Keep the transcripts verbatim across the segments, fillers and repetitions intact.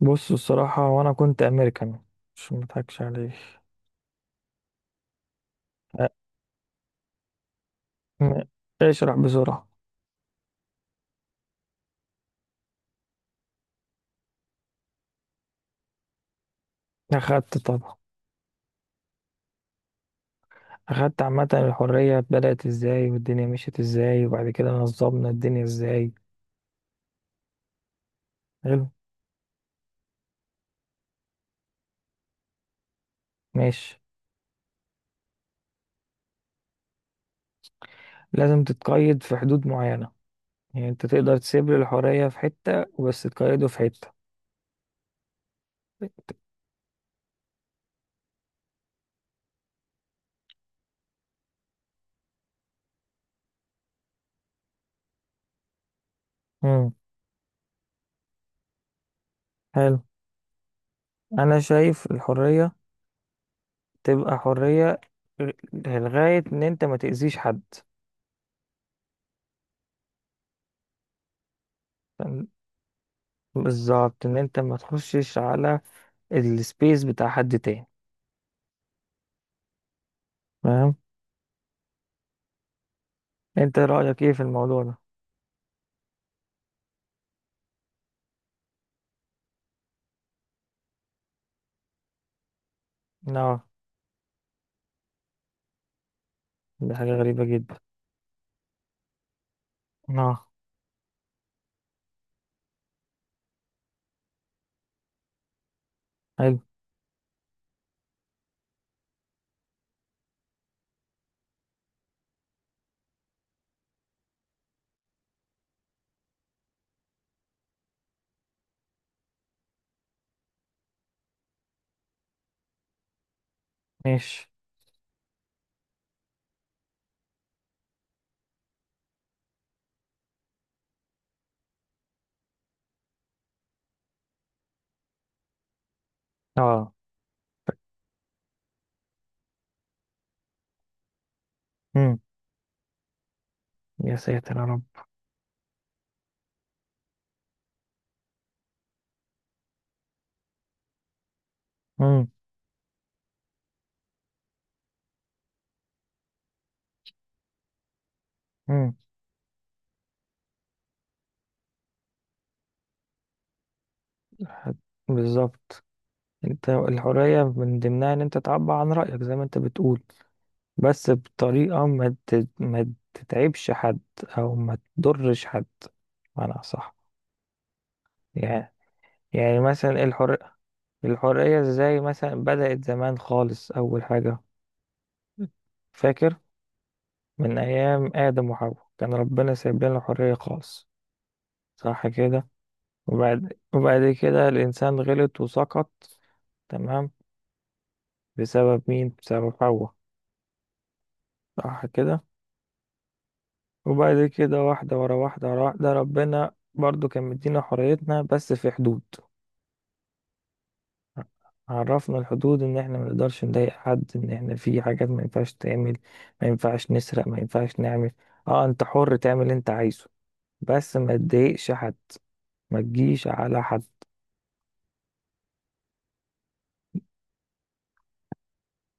بص، الصراحة وأنا كنت أمريكان. مش مضحكش عليك. أ- م- اشرح بسرعة. أخدت طبعا. أخدت عامة الحرية بدأت إزاي والدنيا مشيت إزاي وبعد كده نظمنا الدنيا إزاي. حلو. ماشي. لازم تتقيد في حدود معينة، يعني أنت تقدر تسيب لي الحرية في حتة بس تقيده في حتة. مم. حلو. أنا شايف الحرية تبقى حرية لغاية إن أنت ما تأذيش حد. بالظبط، ان انت ما تخشش على السبيس بتاع حد تاني. فاهم. انت رأيك ايه في الموضوع ده؟ اه. دي حاجة غريبة جدا. اه. حلو. ماشي. اه. امم. يا ساتر يا رب. امم. امم. بالظبط. انت الحرية من ضمنها ان انت تعبر عن رأيك زي ما انت بتقول، بس بطريقة ما ت- ما تتعبش حد، او ما تضرش حد، بمعنى صح. يعني. يعني مثلا الحرية. الحرية ازاي مثلا بدأت زمان خالص أول حاجة. فاكر. من أيام آدم وحواء كان ربنا سايب لنا الحرية خالص. صح كده. وبعد وبعد كده الإنسان غلط وسقط. تمام. بسبب مين؟ بسبب حواء. صح كده. وبعد كده واحدة ورا واحدة ورا واحدة ربنا برضو كان مدينا حريتنا بس في حدود. عرفنا الحدود ان احنا ما نقدرش نضايق حد، ان احنا في حاجات ما ينفعش تعمل. ما ينفعش نسرق، ما ينفعش نعمل. اه انت حر تعمل اللي انت عايزه، بس ما تضايقش حد، ما تجيش على حد.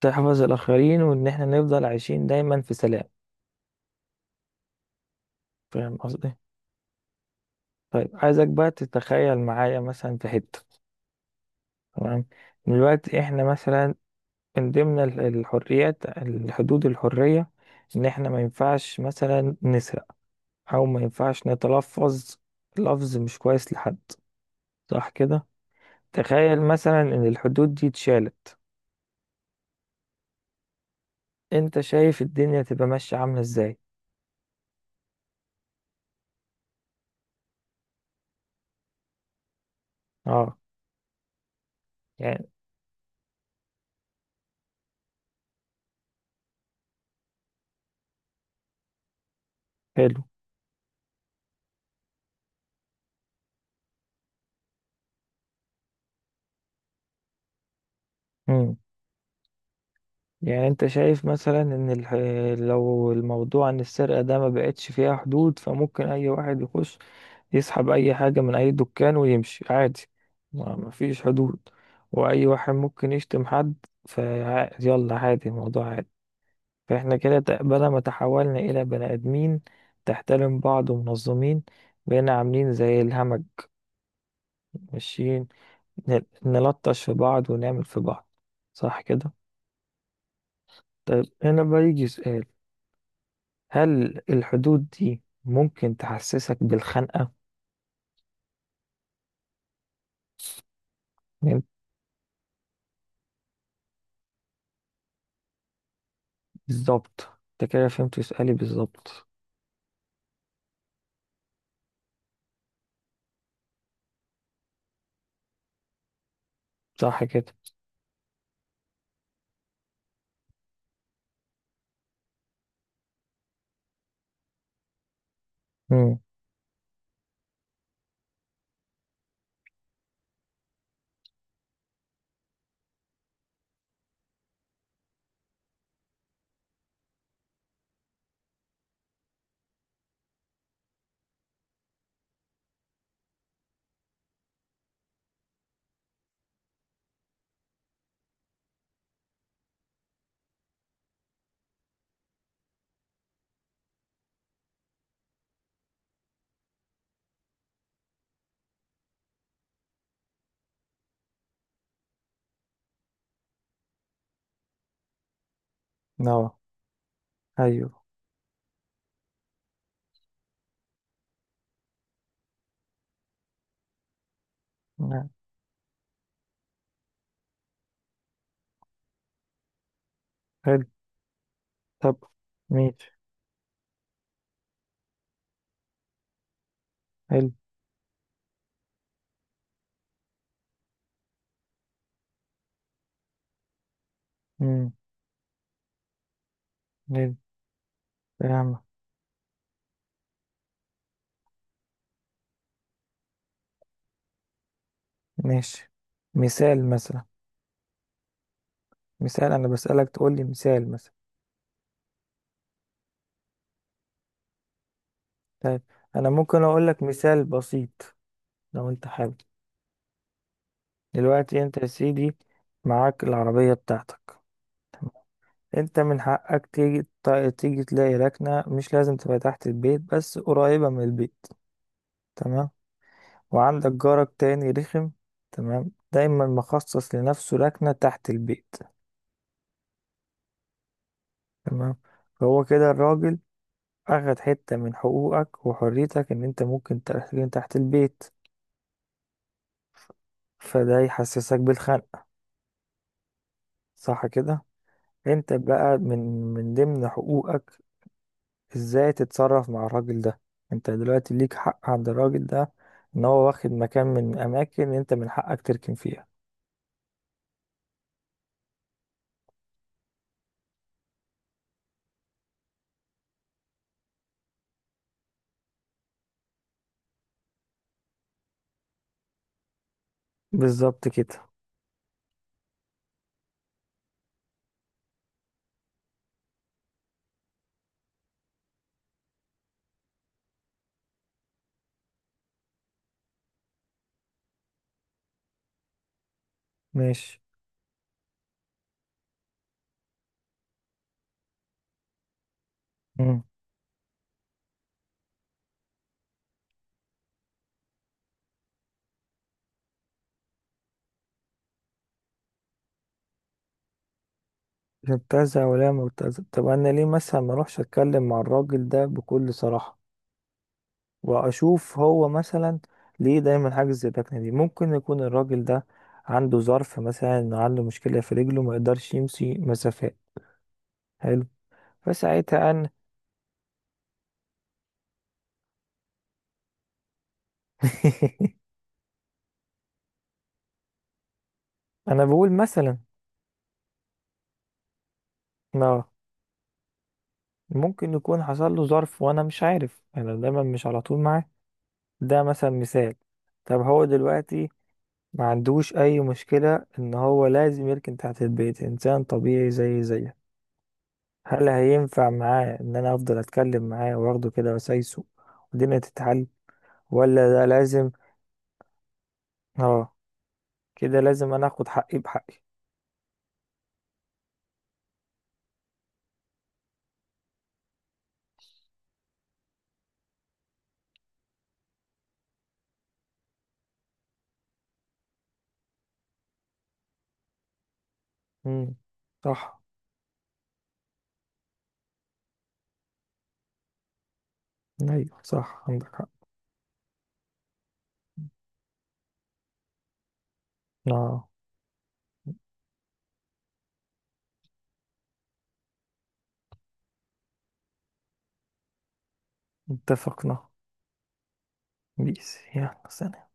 تحفظ الاخرين وان احنا نفضل عايشين دايما في سلام. فاهم قصدي؟ طيب عايزك بقى تتخيل معايا مثلا في حتة. تمام. دلوقتي احنا مثلا، من ضمن ال- الحريات الحدود الحرية، ان احنا ما ينفعش مثلا نسرق او ما ينفعش نتلفظ لفظ مش كويس لحد. صح كده. تخيل مثلا ان الحدود دي اتشالت، انت شايف الدنيا تبقى ماشية عاملة ازاي؟ اه. يعني. حلو. مم. يعني انت شايف مثلا ان الح... لو الموضوع ان السرقة ده ما بقتش فيها حدود، فممكن اي واحد يخش يسحب اي حاجة من اي دكان ويمشي عادي. ما ما فيش حدود. واي واحد ممكن يشتم حد فيلا عادي، الموضوع عادي. فإحنا كده، ت- بدل ما تحولنا إلى بني آدمين تحترم بعض ومنظمين، بقينا عاملين زي الهمج ماشيين، ن- نلطش في بعض ونعمل في بعض. صح كده؟ طيب هنا بقى يجي سؤال. هل الحدود دي ممكن تحسسك بالخنقة؟ يعني بالظبط. انت كده فهمت سؤالي بالظبط. صح كده؟ امم. اه. أيوه. نعم. حلو. طب. ماشي. حلو. امم. حلو. فاهمة. ماشي. مثال مثلا. مثال انا بسألك تقول لي مثال مثلا. طيب. انا ممكن اقول لك مثال بسيط، لو انت حابب. دلوقتي انت يا سيدي معاك العربية بتاعتك. تمام؟ انت من حقك تيجي ت- تيجي تلاقي ركنة مش لازم تبقى تحت البيت بس قريبة من البيت. تمام. وعندك جارك تاني رخم، تمام، دايما مخصص لنفسه ركنة تحت البيت. تمام. فهو كده الراجل أخد حتة من حقوقك وحريتك، إن أنت ممكن تركن تحت البيت. فده يحسسك بالخنق. صح كده. انت بقى من من ضمن حقوقك ازاي تتصرف مع الراجل ده. انت دلوقتي ليك حق عند الراجل ده، ان هو واخد مكان من اماكن انت من حقك تركن فيها. بالظبط كده. ماشي. مم. مبتزه ولا مبتزه؟ طب انا ليه مثلا ما اروحش اتكلم مع الراجل ده بكل صراحه، واشوف هو مثلا ليه دايما حاجز زي الركنه دي؟ ممكن يكون الراجل ده عنده ظرف، مثلا انه عنده مشكله في رجله ما يقدرش يمشي مسافات. حلو. فساعتها انا بقول مثلا. ما ممكن يكون حصل له ظرف وانا مش عارف، انا دايما مش على طول معاه. ده مثلا مثال. طب هو دلوقتي ما عندوش اي مشكلة، ان هو لازم يركن تحت البيت، انسان طبيعي زي زيه. هل هينفع معاه ان انا افضل اتكلم معاه واخده كده وسايسه والدنيا تتحل، ولا ده لازم؟ اه. كده لازم انا اخد حقي بحقي. امم. صح. ايوه صح، عندك حق. اه اتفقنا. بيس يلا سلام.